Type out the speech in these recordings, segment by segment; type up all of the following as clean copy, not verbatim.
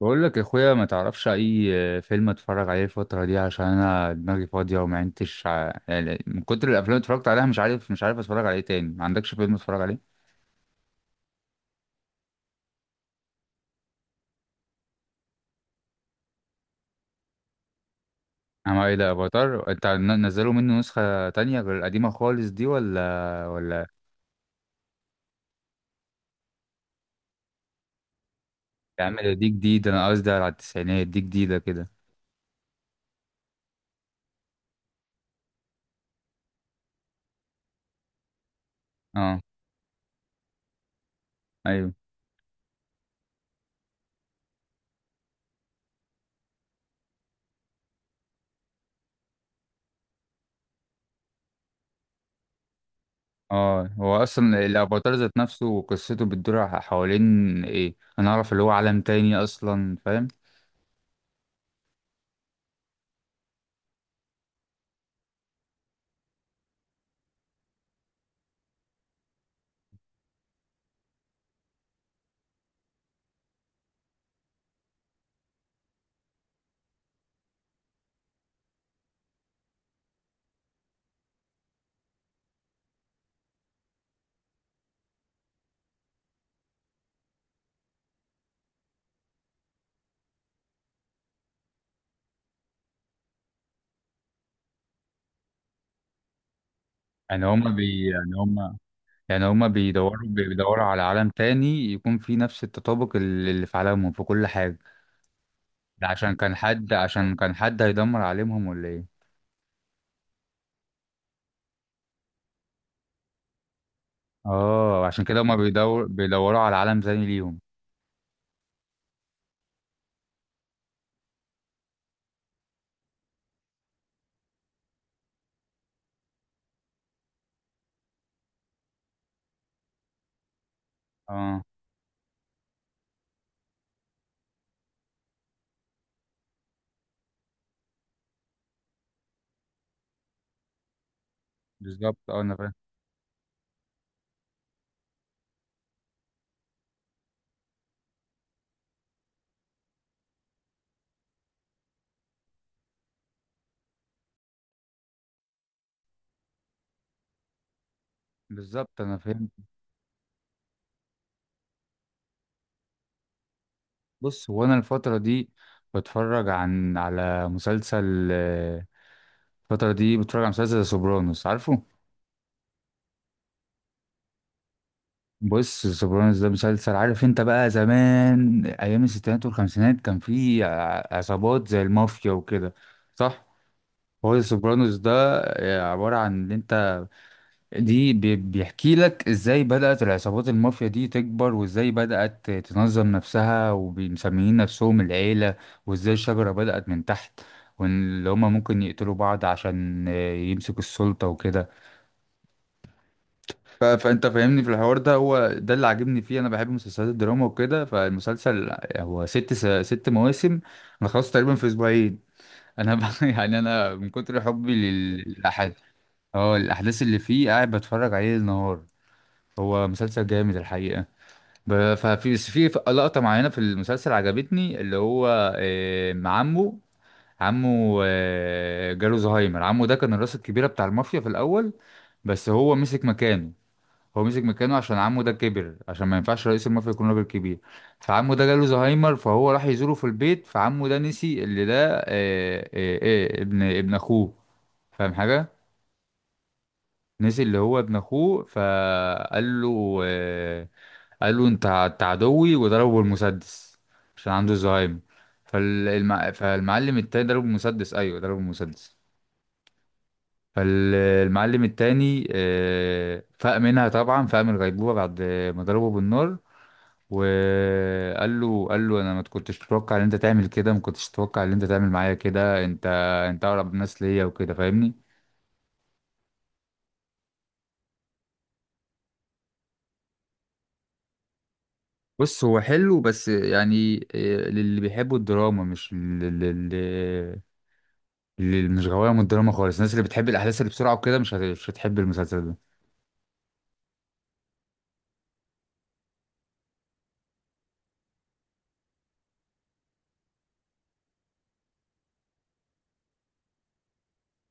بقول لك يا اخويا، ما تعرفش اي فيلم اتفرج عليه الفتره دي؟ عشان انا دماغي فاضيه وما عدتش يعني من كتر الافلام اللي اتفرجت عليها مش عارف اتفرج عليه تاني. ما عندكش فيلم اتفرج عليه؟ اما ايه ده افاتار، انت نزلوا منه نسخه تانية غير القديمه خالص دي ولا؟ يا عم ده، دي جديده، انا قصدي على التسعينات، دي جديده كده. اه، ايوه، اه. هو اصلا الافاتار ذات نفسه وقصته بتدور حوالين ايه؟ انا اعرف اللي هو عالم تاني اصلا، فاهم؟ يعني هما بي يعني هما يعني هما بيدوروا على عالم تاني يكون فيه نفس التطابق اللي في عالمهم في كل حاجة. ده عشان كان حد هيدمر عالمهم ولا ايه؟ اه، عشان كده هما بيدوروا على عالم زي ليهم. اه، بالظبط، اه انا فاهم. بالظبط، انا فاهم. بص، هو انا الفترة دي بتفرج على مسلسل، الفترة دي بتفرج على مسلسل سوبرانوس، عارفه؟ بص، سوبرانوس ده مسلسل، عارف انت بقى زمان ايام الستينات والخمسينات كان في عصابات زي المافيا وكده، صح؟ هو سوبرانوس ده عبارة عن ان انت دي بيحكي لك ازاي بدأت العصابات المافيا دي تكبر، وازاي بدأت تنظم نفسها ومسميين نفسهم العيلة، وازاي الشجرة بدأت من تحت، وان اللي هما ممكن يقتلوا بعض عشان يمسكوا السلطة وكده. فانت فاهمني، في الحوار ده هو ده اللي عاجبني فيه، انا بحب مسلسلات الدراما وكده. فالمسلسل هو ست مواسم، انا خلصت تقريبا في اسبوعين. انا ب... يعني انا من كتر حبي للأحد، اه الاحداث اللي فيه، قاعد بتفرج عليه النهار. هو مسلسل جامد الحقيقة. ب... ففي بس في لقطة معينة في المسلسل عجبتني، اللي هو مع عمه. عمه جاله زهايمر. عمه ده كان الراس الكبيرة بتاع المافيا في الأول، بس هو مسك مكانه. هو مسك مكانه عشان عمه ده كبر، عشان ما ينفعش رئيس المافيا يكون راجل كبير. فعمه ده جاله زهايمر، فهو راح يزوره في البيت. فعمه ده نسي اللي ده، ابن اخوه، فاهم حاجة؟ نسي اللي هو ابن اخوه، فقال له، قال له: انت عدوي، وضربه بالمسدس، عشان عنده زهايمر. فالمعلم التاني ضربه بالمسدس، ايوه ضربه بالمسدس. فالمعلم التاني فاق منها طبعا، فاق من الغيبوبة بعد ما ضربه بالنار. وقال له، قال له انا ما كنتش اتوقع ان انت تعمل كده، ما كنتش اتوقع ان انت تعمل معايا كده. انت اقرب الناس ليا وكده، فاهمني؟ بص، هو حلو بس يعني للي بيحبوا الدراما، مش مش غوايه من الدراما خالص. الناس اللي بتحب الاحداث اللي بسرعه وكده مش هتحب المسلسل ده.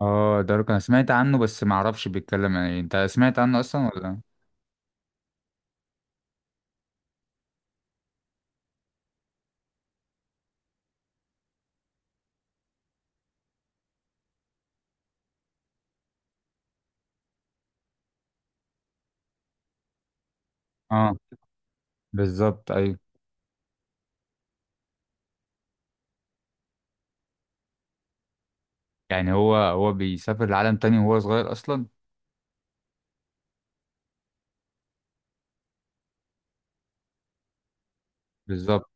اه، دارك انا سمعت عنه بس ما اعرفش بيتكلم عن ايه، انت سمعت عنه اصلا ولا؟ اه، بالظبط، ايوه. يعني هو بيسافر لعالم تاني وهو صغير اصلا؟ بالظبط.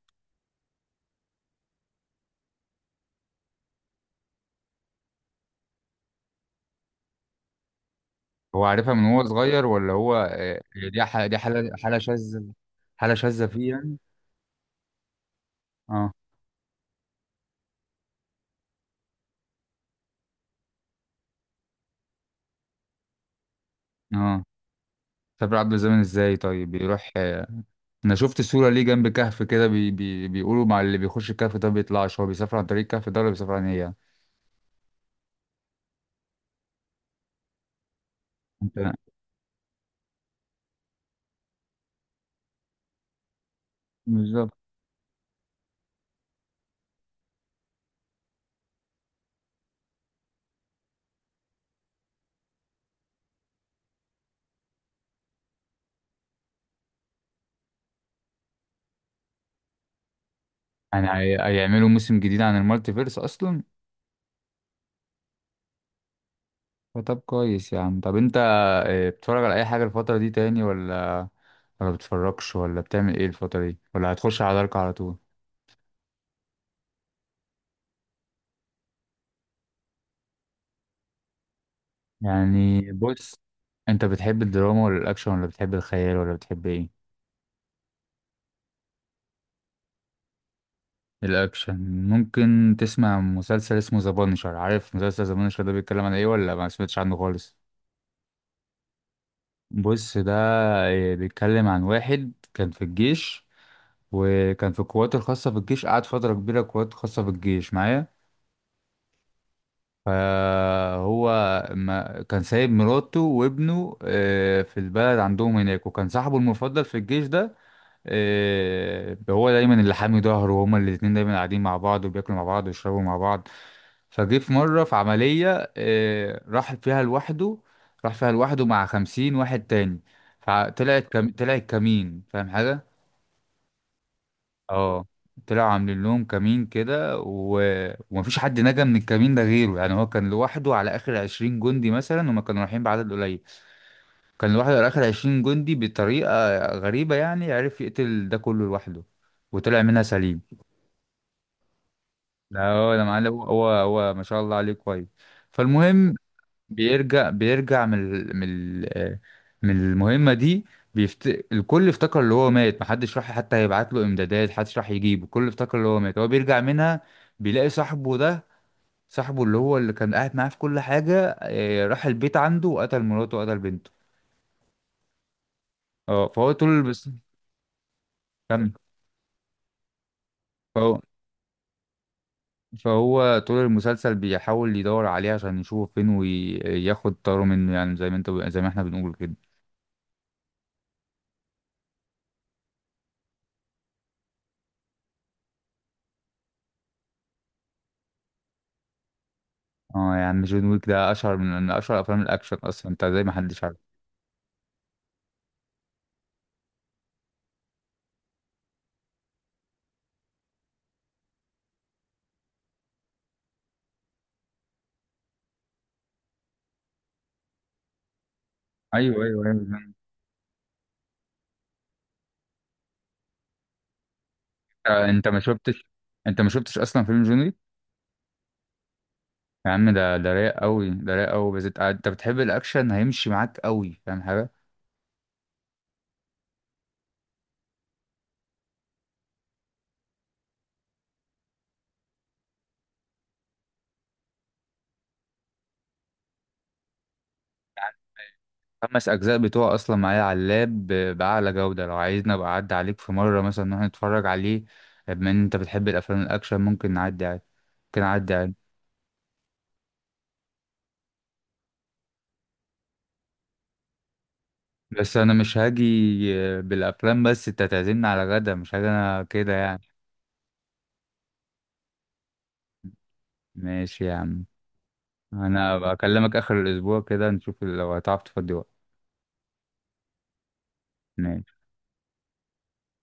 هو عارفها من هو صغير ولا هو دي حالة حالة شاذة، حالة شاذة فيه يعني. اه. اه، سافر عبر الزمن ازاي طيب؟ بيروح انا شفت صورة ليه جنب كهف كده، بي بي بيقولوا مع اللي بيخش الكهف ده بيطلعش. هو بيسافر عن طريق الكهف ده ولا بيسافر عن ايه يعني؟ انت بالظبط، يعني هيعملوا موسم جديد عن المالتي فيرس اصلا؟ فطب كويس يا عم. طب انت بتتفرج على اي حاجة الفترة دي تاني، ولا بتتفرجش، ولا بتعمل ايه الفترة دي، ولا هتخش على دارك على طول؟ يعني بص، انت بتحب الدراما ولا الاكشن ولا بتحب الخيال ولا بتحب ايه؟ الاكشن. ممكن تسمع مسلسل اسمه ذا بانشر، عارف مسلسل ذا بانشر ده بيتكلم عن ايه ولا ما سمعتش عنه خالص؟ بص، ده بيتكلم عن واحد كان في الجيش، وكان في القوات الخاصة في الجيش، قعد فترة كبيرة قوات خاصة في الجيش معايا. فهو ما كان سايب مراته وابنه في البلد عندهم هناك، وكان صاحبه المفضل في الجيش ده هو دايما اللي حامي ظهره، وهما الاتنين دايما قاعدين مع بعض وبياكلوا مع بعض ويشربوا مع بعض. فجه في مرة في عملية راح فيها لوحده، راح فيها لوحده مع 50 واحد تاني. طلع كمين، فاهم حاجة؟ اه، طلعوا عاملين لهم كمين كده، و... ومفيش حد نجا من الكمين ده غيره. يعني هو كان لوحده على آخر 20 جندي مثلا، هما كانوا رايحين بعدد قليل. كان لوحده على آخر عشرين جندي بطريقة غريبة، يعني عرف يقتل ده كله لوحده وطلع منها سليم. لا، هو ده معلم، هو ما شاء الله عليه كويس. فالمهم، بيرجع من ال- من ال- آه، من المهمة دي. الكل افتكر اللي هو مات، محدش راح حتى يبعت له امدادات، محدش راح يجيبه. الكل افتكر اللي هو مات. هو بيرجع منها، بيلاقي صاحبه ده، صاحبه اللي هو اللي كان قاعد معاه في كل حاجة راح البيت عنده وقتل مراته وقتل بنته. اه فهو طول بس. كمل. فهو فهو طول المسلسل بيحاول يدور عليه عشان يشوف فين وياخد طاره منه، يعني زي ما انت، زي ما احنا بنقول كده. اه يا عم، جون ويك ده اشهر من اشهر افلام الاكشن اصلا، انت زي ما حدش عارف. ايوه، ايوه، ايوه، انت ما شفتش، انت ما شفتش اصلا فيلم جون ويك؟ يا عم ده، ده رايق قوي، ده رايق قوي، بس انت بتحب الاكشن هيمشي معاك قوي، فاهم حاجه؟ خمس اجزاء بتوع اصلا معايا على اللاب باعلى جوده، لو عايزنا ابقى اعدي عليك في مره مثلا نروح نتفرج عليه. بما ان انت بتحب الافلام الاكشن ممكن نعدي عادي، ممكن اعدي عادي. بس انا مش هاجي بالافلام بس، انت تعزمني على غدا، مش هاجي انا كده يعني. ماشي يا عم. انا بكلمك اخر الاسبوع كده نشوف لو هتعرف تفضي وقت. ماشي.